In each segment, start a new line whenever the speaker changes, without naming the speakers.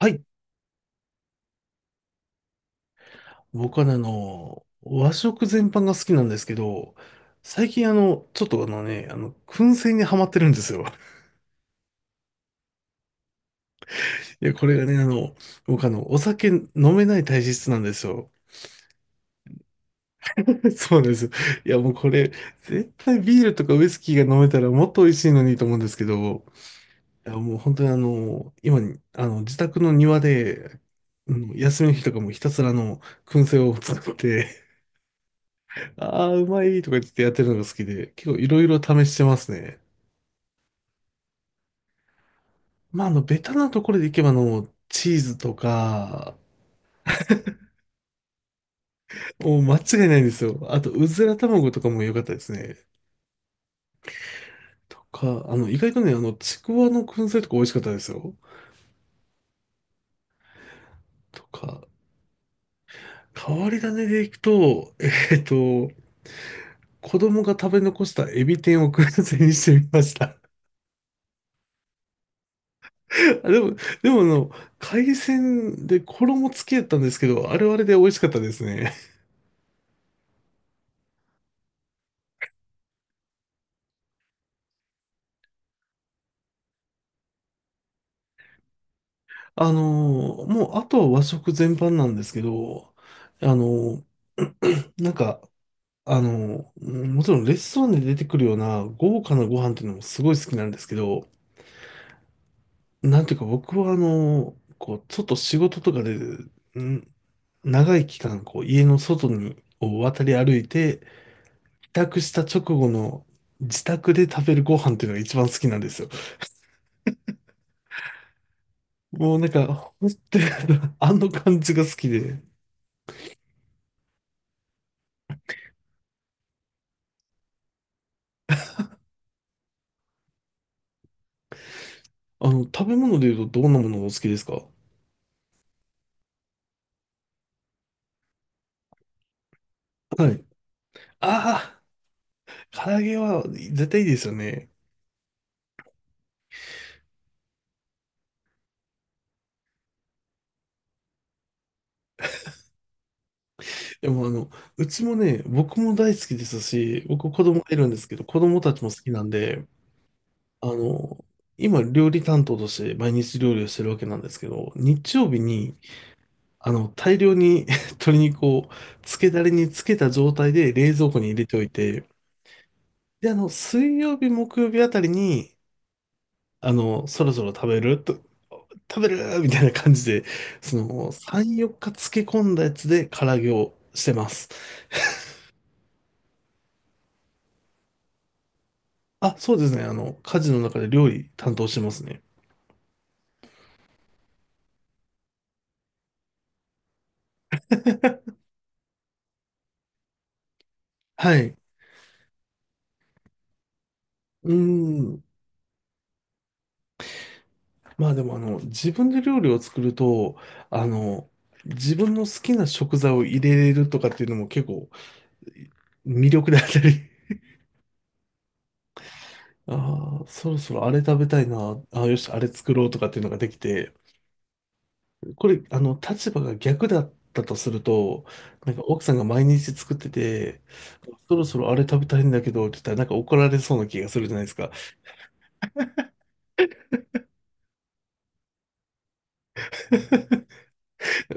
はい。僕はね、和食全般が好きなんですけど、最近ちょっと燻製にハマってるんですよ。いや、これがね、僕お酒飲めない体質なんですよ。そうなんです。いや、もうこれ、絶対ビールとかウイスキーが飲めたらもっと美味しいのにと思うんですけど、いや、もう本当に今に、あの、自宅の庭で、うん休みの日とかもひたすら燻製を作って、ああ、うまいとか言ってやってるのが好きで、結構いろいろ試してますね。まあ、ベタなところでいけば、チーズとか、もう間違いないんですよ。あと、うずら卵とかも良かったですね。とか、意外とね、ちくわの燻製とか美味しかったですよ。とか、変わり種でいくと、えっと、子供が食べ残したエビ天を燻製にしてみました。あでも、でも、海鮮で衣つけたんですけど、あれはあれで美味しかったですね。もう、あとは和食全般なんですけど、あの、なんか、もちろんレストランで出てくるような豪華なご飯っていうのもすごい好きなんですけど、なんていうか僕はちょっと仕事とかで、長い期間、こう、家の外を渡り歩いて、帰宅した直後の自宅で食べるご飯っていうのが一番好きなんですよ。もうなんか、ほんとに あの感じが好きで、食べ物で言うとどんなものがお好きですか？はい。ああ、唐揚げは絶対いいですよね。でもうちもね、僕も大好きですし、僕子供がいるんですけど、子供たちも好きなんで、あの、今料理担当として毎日料理をしてるわけなんですけど、日曜日に、大量に 鶏肉を漬けだれに漬けた状態で冷蔵庫に入れておいて、で、水曜日、木曜日あたりに、そろそろ食べるみたいな感じで、その、3、4日漬け込んだやつで唐揚げをしてます。あ、そうですね。家事の中で料理担当してますね。はい。うーん。まあでも、自分で料理を作ると、あの、自分の好きな食材を入れれるとかっていうのも結構魅力であったり、ああ、そろそろあれ食べたいな、ああ、よし、あれ作ろうとかっていうのができて、これ、立場が逆だったとすると、なんか奥さんが毎日作ってて、そろそろあれ食べたいんだけどって言ったら、なんか怒られそうな気がするじゃないですか。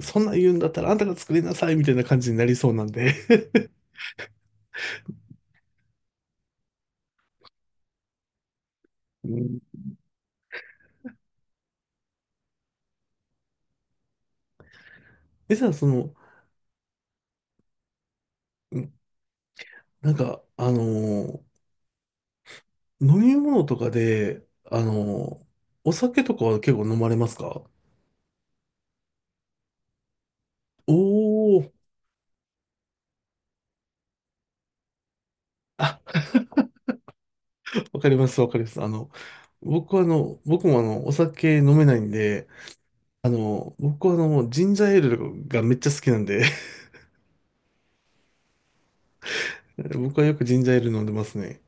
そんなん言うんだったらあんたが作りなさいみたいな感じになりそうなんで うん。え、じゃあその、うんなんか、ー飲み物とかで、お酒とかは結構飲まれますか？おおー。あ、わかります、わかります。僕はあの、僕もあの、お酒飲めないんで、僕はジンジャーエールがめっちゃ好きなんで 僕はよくジンジャーエール飲んでますね。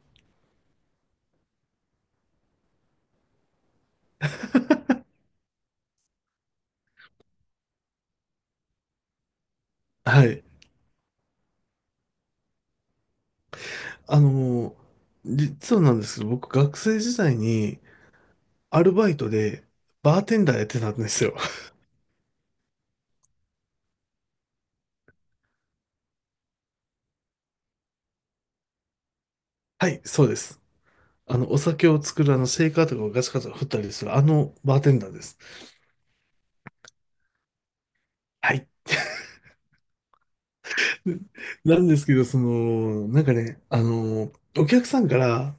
はい。あの実はなんですけど、僕学生時代に、アルバイトで、バーテンダーやってたんですよ。はい、そうです。お酒を作る、シェイカーとかをガチャガチャ振ったりする、バーテンダーです。はい。なんですけど、その、なんかね、お客さんから、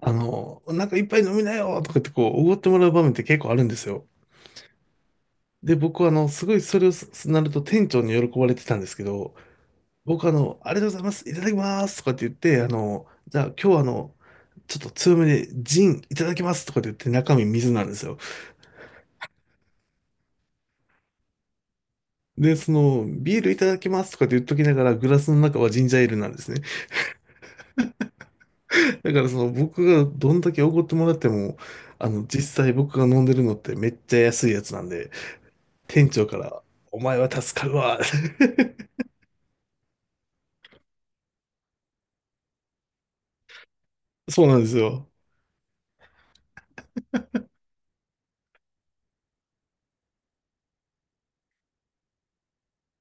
なんか一杯飲みなよとかってこう、おごってもらう場面って結構あるんですよ。で、僕はすごいそれをすなると店長に喜ばれてたんですけど、僕ありがとうございます、いただきますとかって言って、じゃあ今日ちょっと強めでジンいただきますとかって言って中身水なんですよ。で、その、ビールいただきますとかって言っときながらグラスの中はジンジャーエールなんですね。だからその僕がどんだけ奢ってもらっても、実際僕が飲んでるのってめっちゃ安いやつなんで、店長から、お前は助かるわ。そうなんですよ。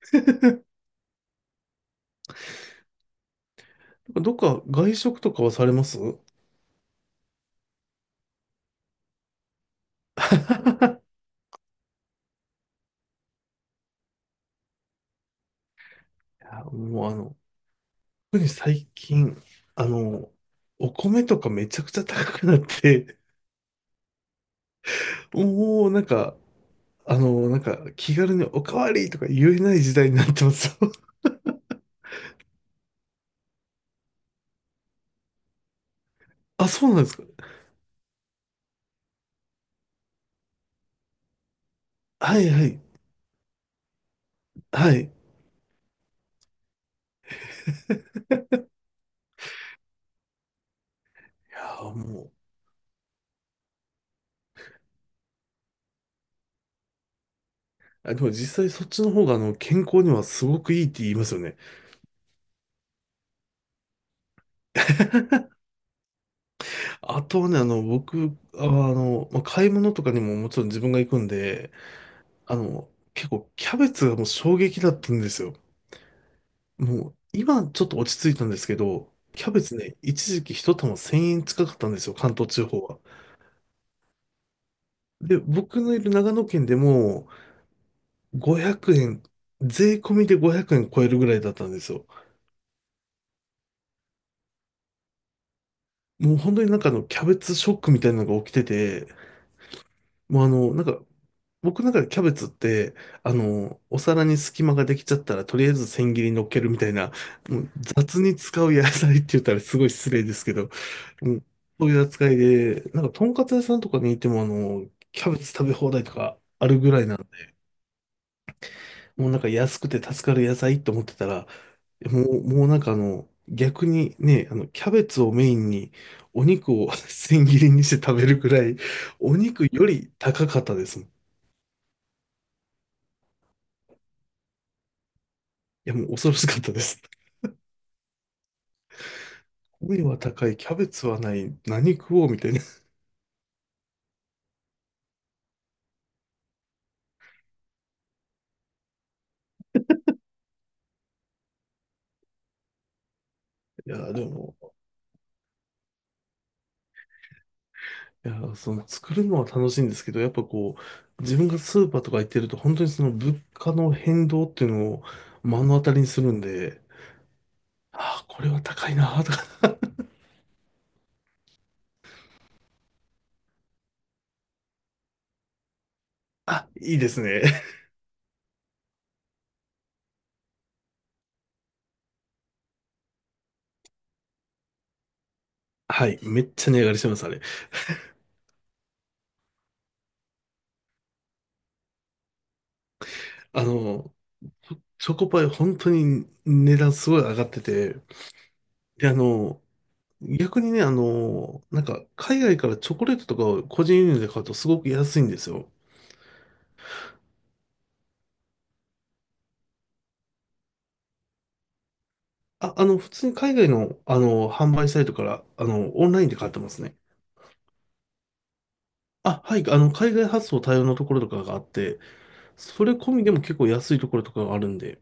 どっか外食とかはされますい？や、もう特に最近、あの、お米とかめちゃくちゃ高くなって、もうなんか、なんか気軽におかわりとか言えない時代になってます。あ、そうなんですか。はいはい。はい。いやーもう、あ、でも実際そっちの方が健康にはすごくいいって言いますよね。あとはね、僕、まあ、買い物とかにももちろん自分が行くんで、結構キャベツがもう衝撃だったんですよ。もう、今ちょっと落ち着いたんですけど、キャベツね、一時期一玉1000円近かったんですよ、関東地方は。で、僕のいる長野県でも500円、税込みで500円超えるぐらいだったんですよ。もう本当になんかキャベツショックみたいなのが起きてて、もう僕の中でキャベツって、お皿に隙間ができちゃったら、とりあえず千切りに乗っけるみたいな、もう雑に使う野菜って言ったらすごい失礼ですけど、うん。そういう扱いで、なんか、とんかつ屋さんとかにいても、キャベツ食べ放題とかあるぐらいなんで、もうなんか安くて助かる野菜と思ってたら、もうなんか逆にね、キャベツをメインに、お肉を 千切りにして食べるぐらい、お肉より高かったですもん。いや、もう恐ろしかったです。米は高い、キャベツはない、何食おうみたいな。や、でも、いや、その作るのは楽しいんですけど、やっぱこう、自分がスーパーとか行ってると、本当にその物価の変動っていうのを目の当たりにするんで、ああ、これは高いなーとか、あ、いいですね。はい、めっちゃ値上がりしてます、あれ。あの、チョコパイ、本当に値段すごい上がってて、で、逆にね、海外からチョコレートとかを個人輸入で買うとすごく安いんですよ。あ、普通に海外の、販売サイトから、オンラインで買ってますね。あ、はい、海外発送対応のところとかがあって、それ込みでも結構安いところとかがあるんで、